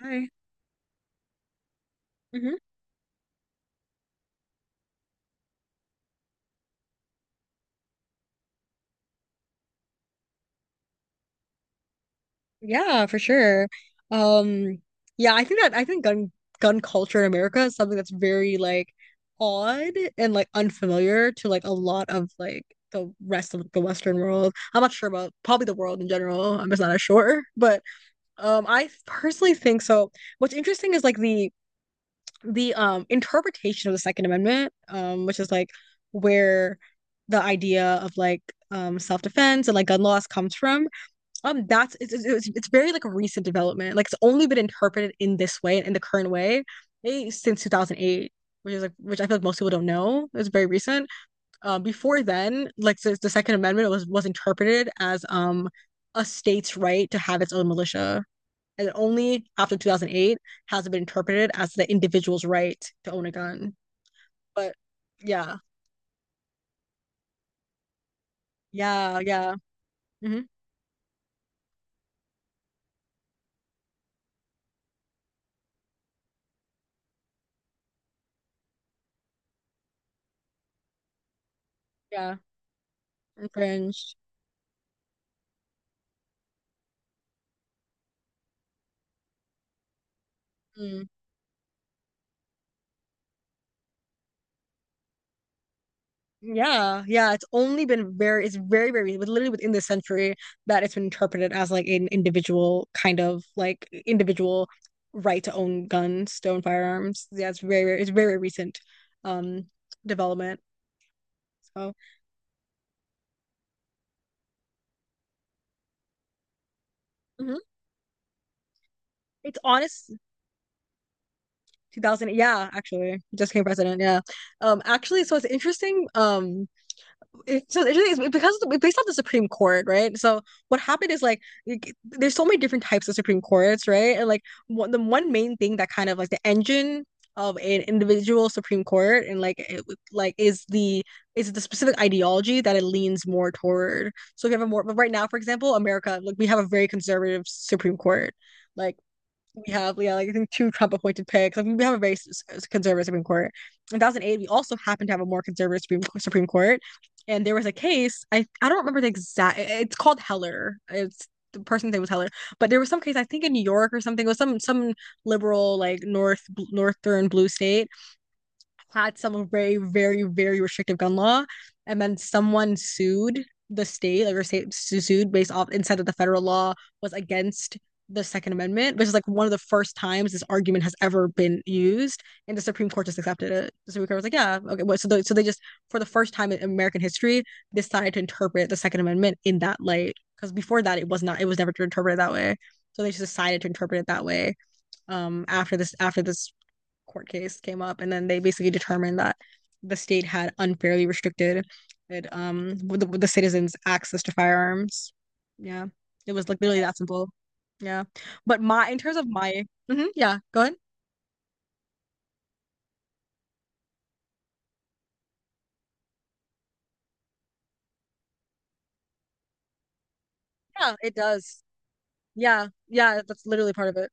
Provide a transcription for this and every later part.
Hi. Hmm. Yeah, for sure. Um, yeah, I think gun culture in America is something that's very like odd and like unfamiliar to like a lot of like the rest of the Western world. I'm not sure about probably the world in general. I'm just not as sure. But I personally think so. What's interesting is like the interpretation of the Second Amendment, which is like where the idea of like self-defense and like gun laws comes from. That's it's very like a recent development, like it's only been interpreted in this way and in the current way since 2008, which is like which I feel like most people don't know. It's very recent. Before then, like the Second Amendment was interpreted as a state's right to have its own militia, and only after 2008 has it been interpreted as the individual's right to own a gun. But yeah. Yeah, yeah. Hmm. Yeah. Infringed. Yeah, yeah, it's very, very, with literally within this century that it's been interpreted as like an individual kind of like individual right to own guns, to own firearms. Yeah, it's very, very, it's very recent um development. So. Mhm. it's honest 2000. Yeah, actually, just came president. Yeah, actually, so it's interesting. So the interesting because it's based off the Supreme Court, right? So what happened is like there's so many different types of Supreme Courts, right? And like one, the one main thing that kind of like the engine of an individual Supreme Court and like it, like is the specific ideology that it leans more toward. So if you have a more but right now, for example, America, like we have a very conservative Supreme Court. Like we have, yeah, like I think two Trump appointed picks. Like we have a very conservative Supreme Court. In 2008, we also happened to have a more conservative Supreme Court. And there was a case, I don't remember the exact, it's called Heller. It's the person's name was Heller. But there was some case, I think in New York or something, it was some liberal, like northern blue state, had some very, very, very restrictive gun law, and then someone sued the state, like or state sued based off and said that the federal law was against the Second Amendment, which is like one of the first times this argument has ever been used, and the Supreme Court just accepted it. The Supreme Court was like, "Yeah, okay." Well, so they just, for the first time in American history, decided to interpret the Second Amendment in that light, because before that, it was not, it was never interpreted that way. So they just decided to interpret it that way. After this court case came up, and then they basically determined that the state had unfairly restricted it, with the citizens' access to firearms. Yeah, it was like literally that simple. Yeah, but my in terms of my. Mhm, yeah, go ahead. Yeah, it does. Yeah, yeah, that's literally part of it.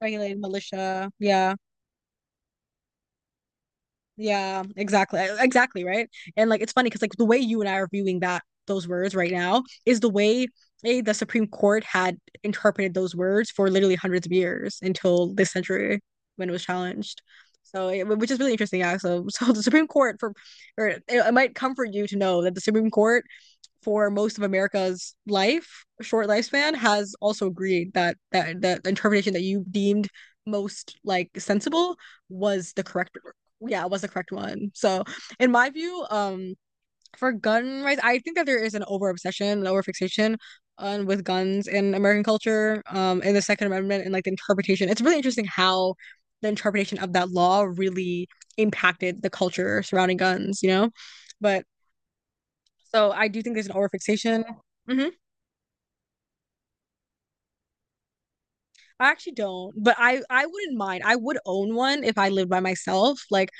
Regulated militia. Yeah. Yeah, exactly. Exactly, right? And like it's funny because like the way you and I are viewing that those words right now is the way the Supreme Court had interpreted those words for literally hundreds of years until this century when it was challenged. So, which is really interesting, yeah. So the Supreme Court for, or it might comfort you to know that the Supreme Court for most of America's life, short lifespan, has also agreed that that the interpretation that you deemed most like sensible was the correct, yeah, was the correct one. So in my view, for gun rights, I think that there is an over obsession, an over fixation on with guns in American culture, in the Second Amendment and like the interpretation. It's really interesting how the interpretation of that law really impacted the culture surrounding guns, you know? But so I do think there's an overfixation. Hmm. I actually don't, but I wouldn't mind. I would own one if I lived by myself. Like,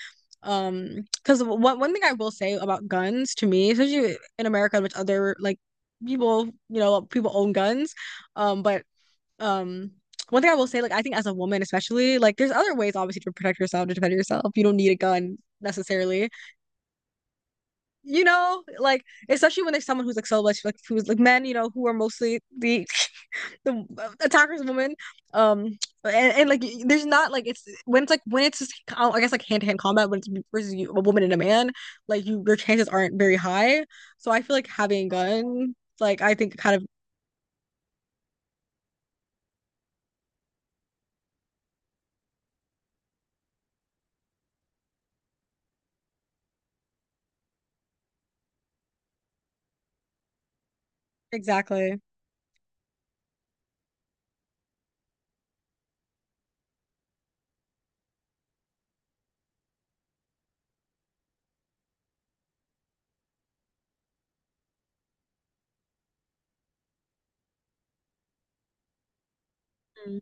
um, because one thing I will say about guns to me, especially in America, which other like people you know people own guns, but um. One thing I will say, like I think as a woman especially, like there's other ways obviously to protect yourself, to defend yourself. You don't need a gun necessarily. Like especially when there's someone who's like so much like who's like men, you know, who are mostly the attacker's woman. Um, and like there's not like it's when it's like when it's just, I guess like hand to hand combat when it's versus you, a woman and a man, like you your chances aren't very high. So I feel like having a gun, like I think kind of exactly. Mm.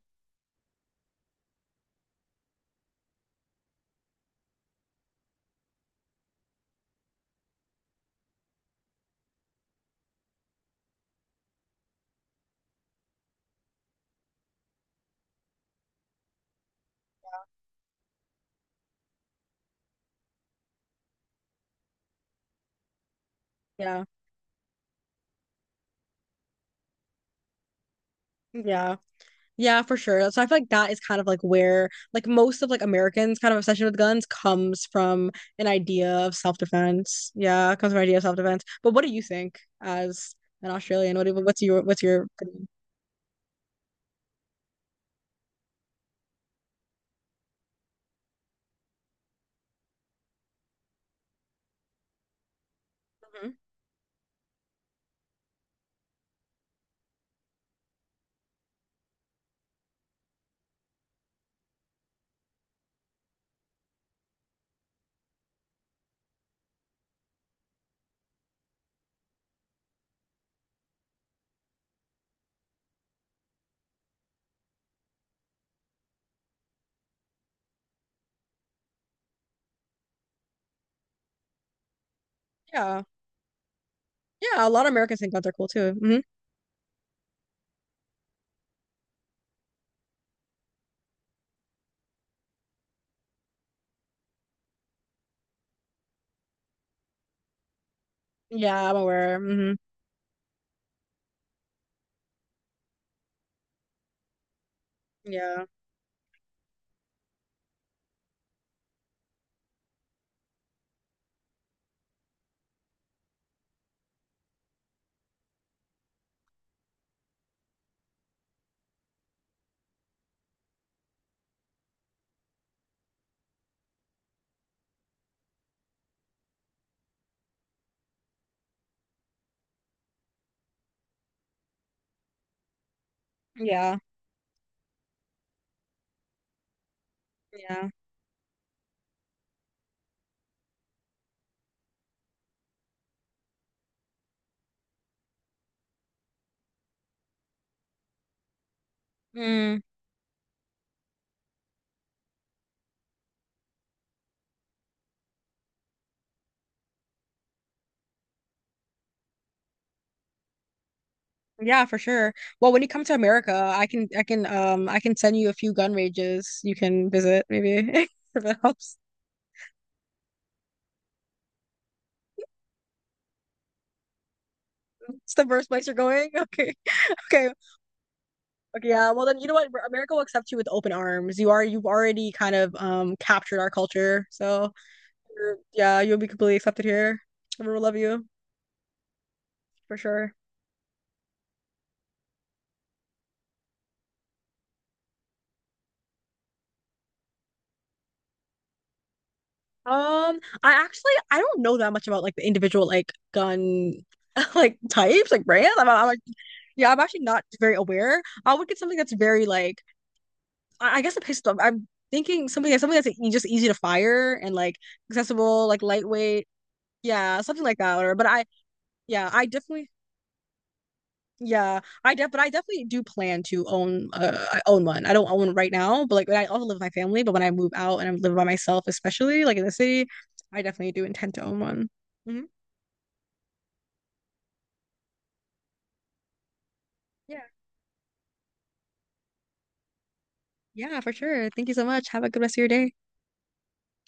Yeah. Yeah. Yeah, for sure. So I feel like that is kind of like where like most of like Americans kind of obsession with guns comes from an idea of self-defense. Yeah, it comes from an idea of self-defense. But what do you think as an Australian? What do, what's your opinion? Yeah. Yeah, a lot of Americans think guns are cool too. Hmm. Yeah, I'm aware. Hmm. Yeah. Yeah. Yeah. Mm. Yeah, for sure. Well, when you come to America, I can send you a few gun ranges you can visit maybe if it helps. It's the first place you're going. Okay. Okay. Okay, yeah. Well then you know what? America will accept you with open arms. You are you've already kind of captured our culture. So you're, yeah, you'll be completely accepted here. Everyone will love you for sure. I actually I don't know that much about like the individual like gun like types like brands. I'm like, yeah, I'm actually not very aware. I would get something that's very like I guess a pistol. I'm thinking something that's just easy to fire and like accessible, like lightweight. Yeah, something like that. Or but I, yeah, I definitely, yeah, I def but I definitely do plan to own. I own one. I don't own one right now, but like I also live with my family, but when I move out and I'm living by myself, especially like in the city, I definitely do intend to own one. Hmm. Yeah. Yeah, for sure. Thank you so much. Have a good rest of your day.